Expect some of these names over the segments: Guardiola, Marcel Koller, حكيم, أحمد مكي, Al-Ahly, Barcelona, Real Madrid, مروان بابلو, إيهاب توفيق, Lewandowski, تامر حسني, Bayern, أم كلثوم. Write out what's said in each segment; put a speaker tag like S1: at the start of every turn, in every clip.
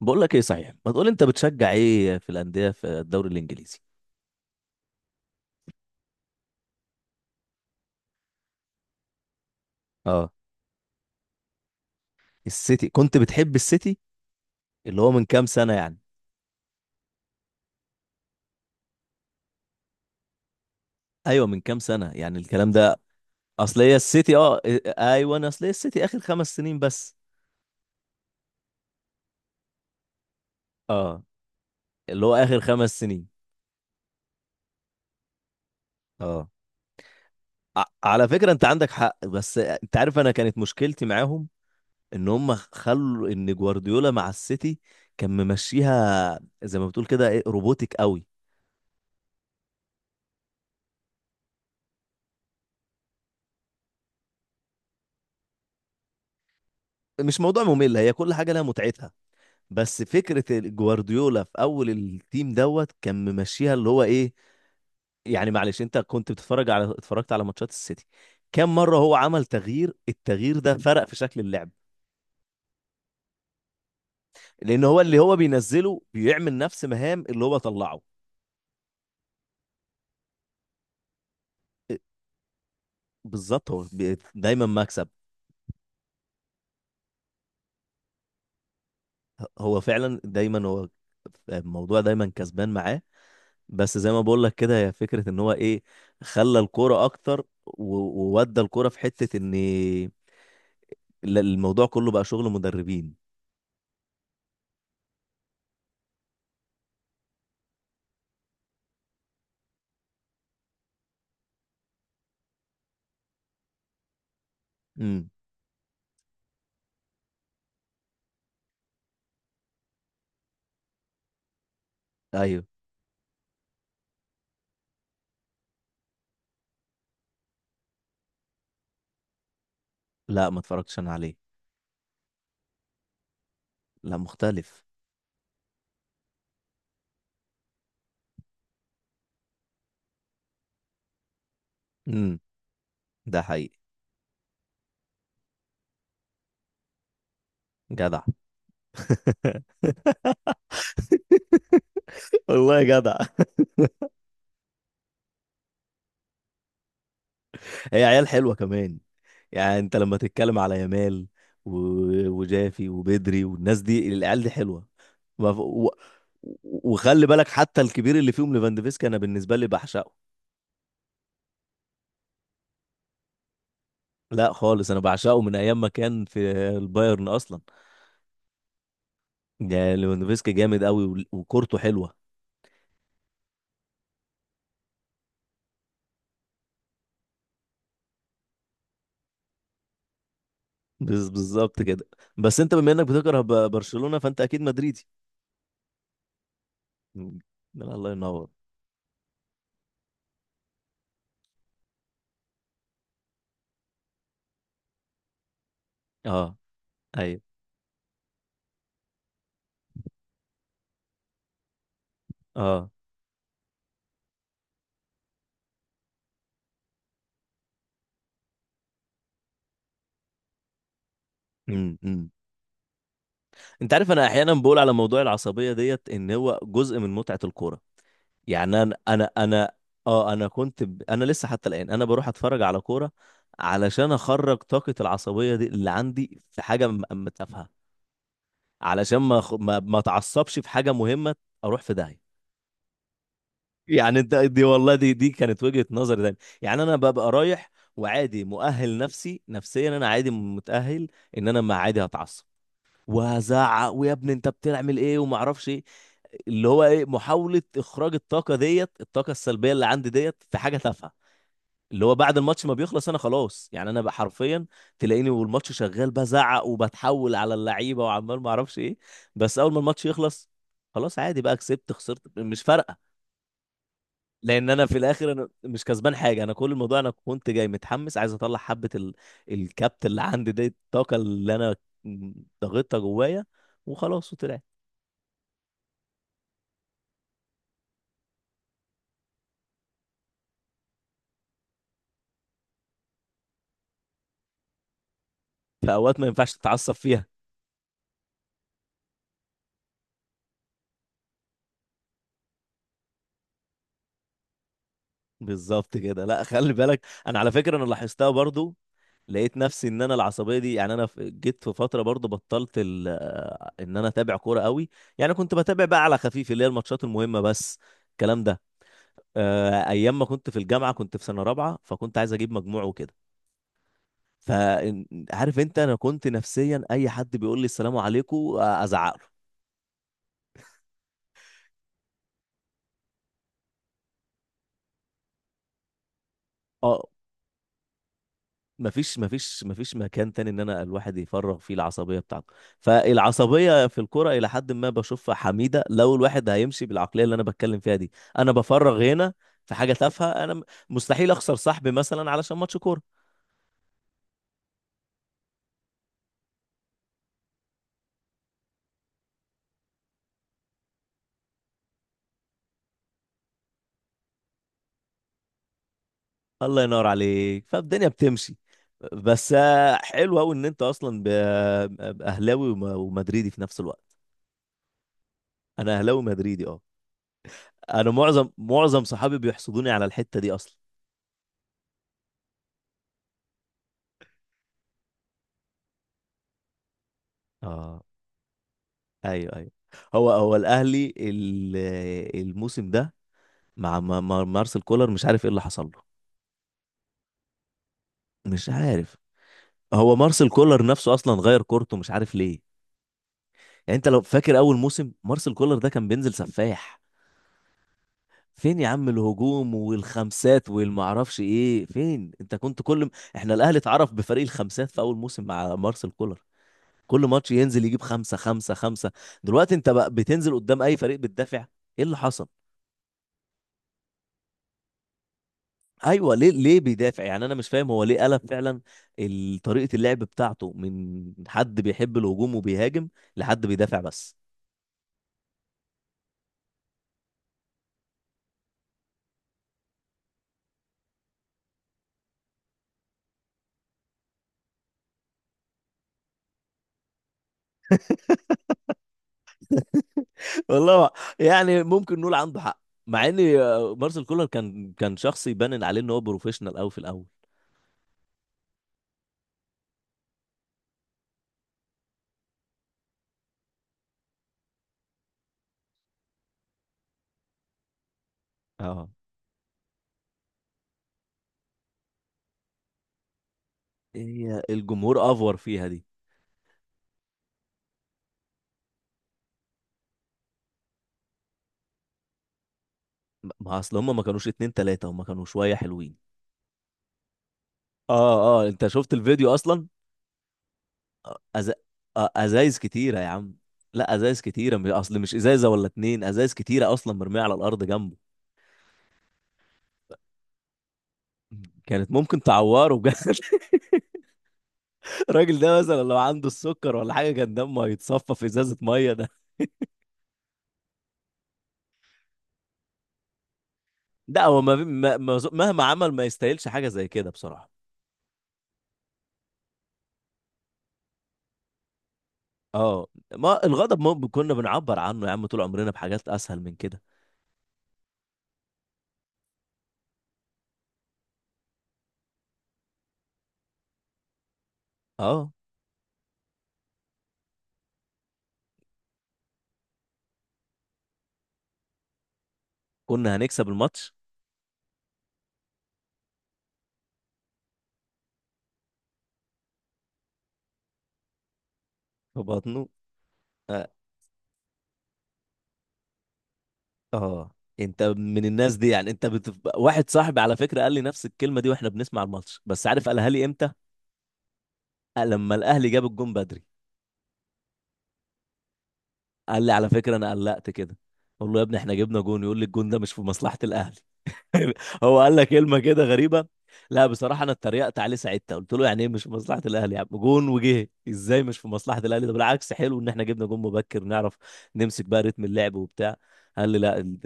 S1: بقول لك ايه؟ صحيح، ما تقول، انت بتشجع ايه في الانديه في الدوري الانجليزي؟ اه، السيتي كنت بتحب السيتي؟ اللي هو من كام سنه يعني؟ ايوه، من كام سنه يعني الكلام ده؟ اصل هي السيتي ايوه، أنا اصل هي السيتي اخر 5 سنين بس. اه، اللي هو اخر 5 سنين. اه على فكره، انت عندك حق، بس انت عارف، انا كانت مشكلتي معاهم ان هم خلوا ان جوارديولا مع السيتي كان ممشيها زي ما بتقول كده، ايه، روبوتك قوي. مش موضوع ممل، هي كل حاجه لها متعتها. بس فكرة جوارديولا في أول التيم دوت كان ممشيها، اللي هو إيه. يعني معلش أنت، كنت بتتفرج على اتفرجت على ماتشات السيتي؟ كم مرة هو عمل تغيير؟ التغيير ده فرق في شكل اللعب؟ لأن هو اللي هو بينزله بيعمل نفس مهام اللي هو طلعه. بالظبط، هو دايما مكسب. هو فعلا دايما. هو الموضوع دايما كسبان معاه. بس زي ما بقول لك كده، هي فكرة ان هو ايه، خلى الكورة اكتر وودى الكورة في حتة ان الموضوع كله بقى شغل مدربين. امم، ايوه. لا، ما اتفرجتش انا عليه. لا، مختلف. امم. ده حقيقي. جدع. والله جدع. هي عيال حلوه كمان. يعني انت لما تتكلم على يمال و... وجافي وبدري والناس دي، العيال دي حلوه. ما ف- و... وخلي بالك، حتى الكبير اللي فيهم ليفاندوفسكي، انا بالنسبه لي بعشقه. لا خالص، انا بعشقه من ايام ما كان في البايرن اصلا. يعني ليفاندوفسكي جامد قوي، وكورته حلوه. بالظبط كده. بس انت بما انك بتكره برشلونه فانت اكيد مدريدي. مم. الله ينور. اه، ايوه، اه. امم، أمم. انت عارف، انا احيانا بقول على موضوع العصبيه ديت، ان هو جزء من متعه الكوره. يعني انا اه انا لسه حتى الان انا بروح اتفرج على كوره، علشان اخرج طاقه العصبيه دي اللي عندي في حاجه تافهه، علشان ما أخ- ما ما اتعصبش في حاجه مهمه. اروح في داهيه. يعني انت، دي والله دي كانت وجهة نظر تاني، يعني انا ببقى رايح، وعادي مؤهل نفسي، نفسيا انا عادي متأهل، ان انا، ما عادي، هتعصب وهزعق، ويا ابني انت بتعمل ايه وما اعرفش ايه. اللي هو ايه، محاولة اخراج الطاقة ديت، الطاقة السلبية اللي عندي ديت في حاجة تافهة، اللي هو بعد الماتش ما بيخلص انا خلاص. يعني انا بقى حرفيا، تلاقيني والماتش شغال بزعق وبتحول على اللعيبة وعمال ما اعرفش ايه. بس اول ما الماتش يخلص، خلاص عادي بقى، كسبت خسرت مش فارقة. لان انا في الاخر انا مش كسبان حاجه، انا كل الموضوع انا كنت جاي متحمس عايز اطلع حبه الكبت اللي عندي دي، الطاقه اللي انا ضغطتها جوايا، وخلاص وطلعت. في اوقات ما ينفعش تتعصب فيها. بالظبط كده. لا، خلي بالك، انا على فكره انا لاحظتها برضو، لقيت نفسي ان انا العصبيه دي. يعني انا جيت في فتره برضو بطلت ال... آه، ان انا اتابع كوره قوي. يعني كنت بتابع بقى على خفيف، اللي هي الماتشات المهمه بس، الكلام ده. ايام ما كنت في الجامعه كنت في سنه رابعه، فكنت عايز اجيب مجموع وكده. فعارف انت، انا كنت نفسيا اي حد بيقول لي السلام عليكم ازعق له. اه، مفيش مكان تاني ان انا الواحد يفرغ فيه العصبيه بتاعته، فالعصبيه في الكرة الى حد ما بشوفها حميده، لو الواحد هيمشي بالعقليه اللي انا بتكلم فيها دي. انا بفرغ هنا في حاجه تافهه، انا مستحيل اخسر صاحبي مثلا علشان ماتش كوره. الله ينور عليك، فالدنيا بتمشي. بس حلو قوي ان انت اصلا اهلاوي ومدريدي في نفس الوقت. انا اهلاوي مدريدي، اه. انا معظم صحابي بيحسدوني على الحتة دي اصلا. اه، ايوه، ايوه. هو الاهلي الموسم ده مع مارسيل كولر، مش عارف ايه اللي حصل له. مش عارف. هو مارسيل كولر نفسه اصلا غير كورته، مش عارف ليه. يعني انت لو فاكر، اول موسم مارسيل كولر ده كان بينزل سفاح. فين يا عم الهجوم والخمسات والمعرفش ايه؟ فين؟ انت كنت كل احنا الاهلي اتعرف بفريق الخمسات في اول موسم مع مارسيل كولر. كل ماتش ينزل يجيب خمسة خمسة خمسة. دلوقتي انت بقى بتنزل قدام اي فريق بتدافع. ايه اللي حصل؟ ايوه. ليه بيدافع؟ يعني انا مش فاهم هو ليه قلب فعلا طريقة اللعب بتاعته من حد بيحب الهجوم وبيهاجم لحد بيدافع بس. والله. يعني ممكن نقول عنده حق، مع ان مارسيل كولر كان شخص يبان عليه ان هو بروفيشنال قوي في الاول. اه. هي الجمهور افور فيها دي. ما اصل هم، ما كانوش اتنين تلاتة، هم كانوا شوية حلوين. اه، اه، انت شفت الفيديو اصلا؟ أز... آه، ازايز كتيره يا عم. لا، ازايز كتيره، مش اصل مش ازازه ولا اتنين، ازايز كتيره اصلا مرميه على الارض جنبه. كانت ممكن تعوره بجد. الراجل ده مثلا لو عنده السكر ولا حاجه، كان دمه هيتصفى في ازازه ميه ده. لا، هو مهما عمل ما يستاهلش حاجه زي كده بصراحه. اه. ما الغضب ما كنا بنعبر عنه يا عم طول عمرنا بحاجات اسهل من كده. اه، كنا هنكسب الماتش. وبطنه. اه، انت من الناس دي يعني، انت بتبقى. واحد صاحبي على فكره قال لي نفس الكلمه دي واحنا بنسمع الماتش، بس عارف قالها لي امتى؟ قال لما الاهلي جاب الجون بدري. قال لي على فكره انا قلقت كده، اقول له يا ابني احنا جبنا جون، يقول لي الجون ده مش في مصلحه الاهلي. هو قال لك كلمه كده غريبه. لا بصراحه، انا اتريقت عليه ساعتها، قلت له يعني ايه مش في مصلحه الاهلي يا عم، جون وجه ازاي مش في مصلحه الاهلي، ده بالعكس حلو ان احنا جبنا جون مبكر نعرف نمسك بقى رتم اللعب وبتاع. قال لي لا.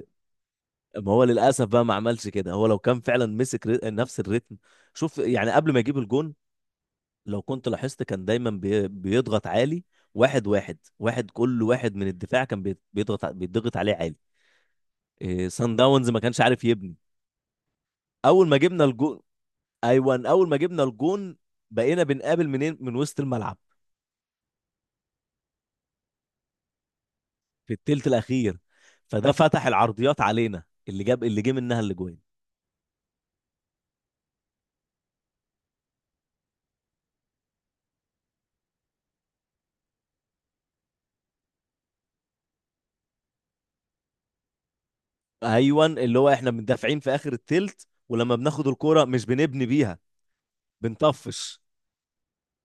S1: ما هو للاسف بقى ما عملش كده، هو لو كان فعلا مسك نفس الريتم. شوف، يعني قبل ما يجيب الجون، لو كنت لاحظت كان دايما بيضغط عالي، واحد واحد واحد. كل واحد من الدفاع كان بيضغط بيضغط عليه عالي. إيه، سان داونز ما كانش عارف يبني. اول ما جبنا الجون، ايوه اول ما جبنا الجون، بقينا بنقابل منين؟ من وسط الملعب. في التلت الاخير. فده فتح العرضيات علينا، اللي جاب، اللي جه منها الاجوان. ايوه، اللي هو احنا مندافعين في اخر التلت، ولما بناخد الكرة مش بنبني بيها، بنطفش.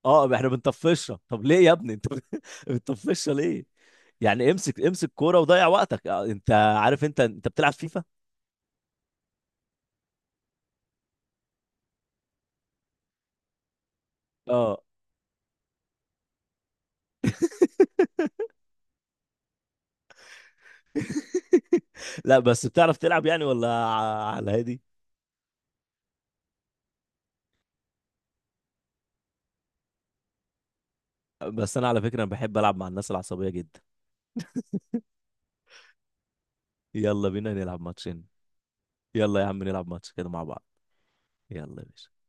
S1: اه، احنا بنطفشها. طب ليه يا ابني انت؟ بتطفشها ليه؟ يعني امسك امسك كوره وضيع وقتك. انت عارف، انت بتلعب فيفا؟ اه. لا بس بتعرف تلعب يعني، ولا على هادي؟ بس انا على فكره انا بحب العب مع الناس العصبيه جدا. يلا بينا نلعب ماتشين. يلا يا عم نلعب ماتش كده مع بعض. يلا يا باشا.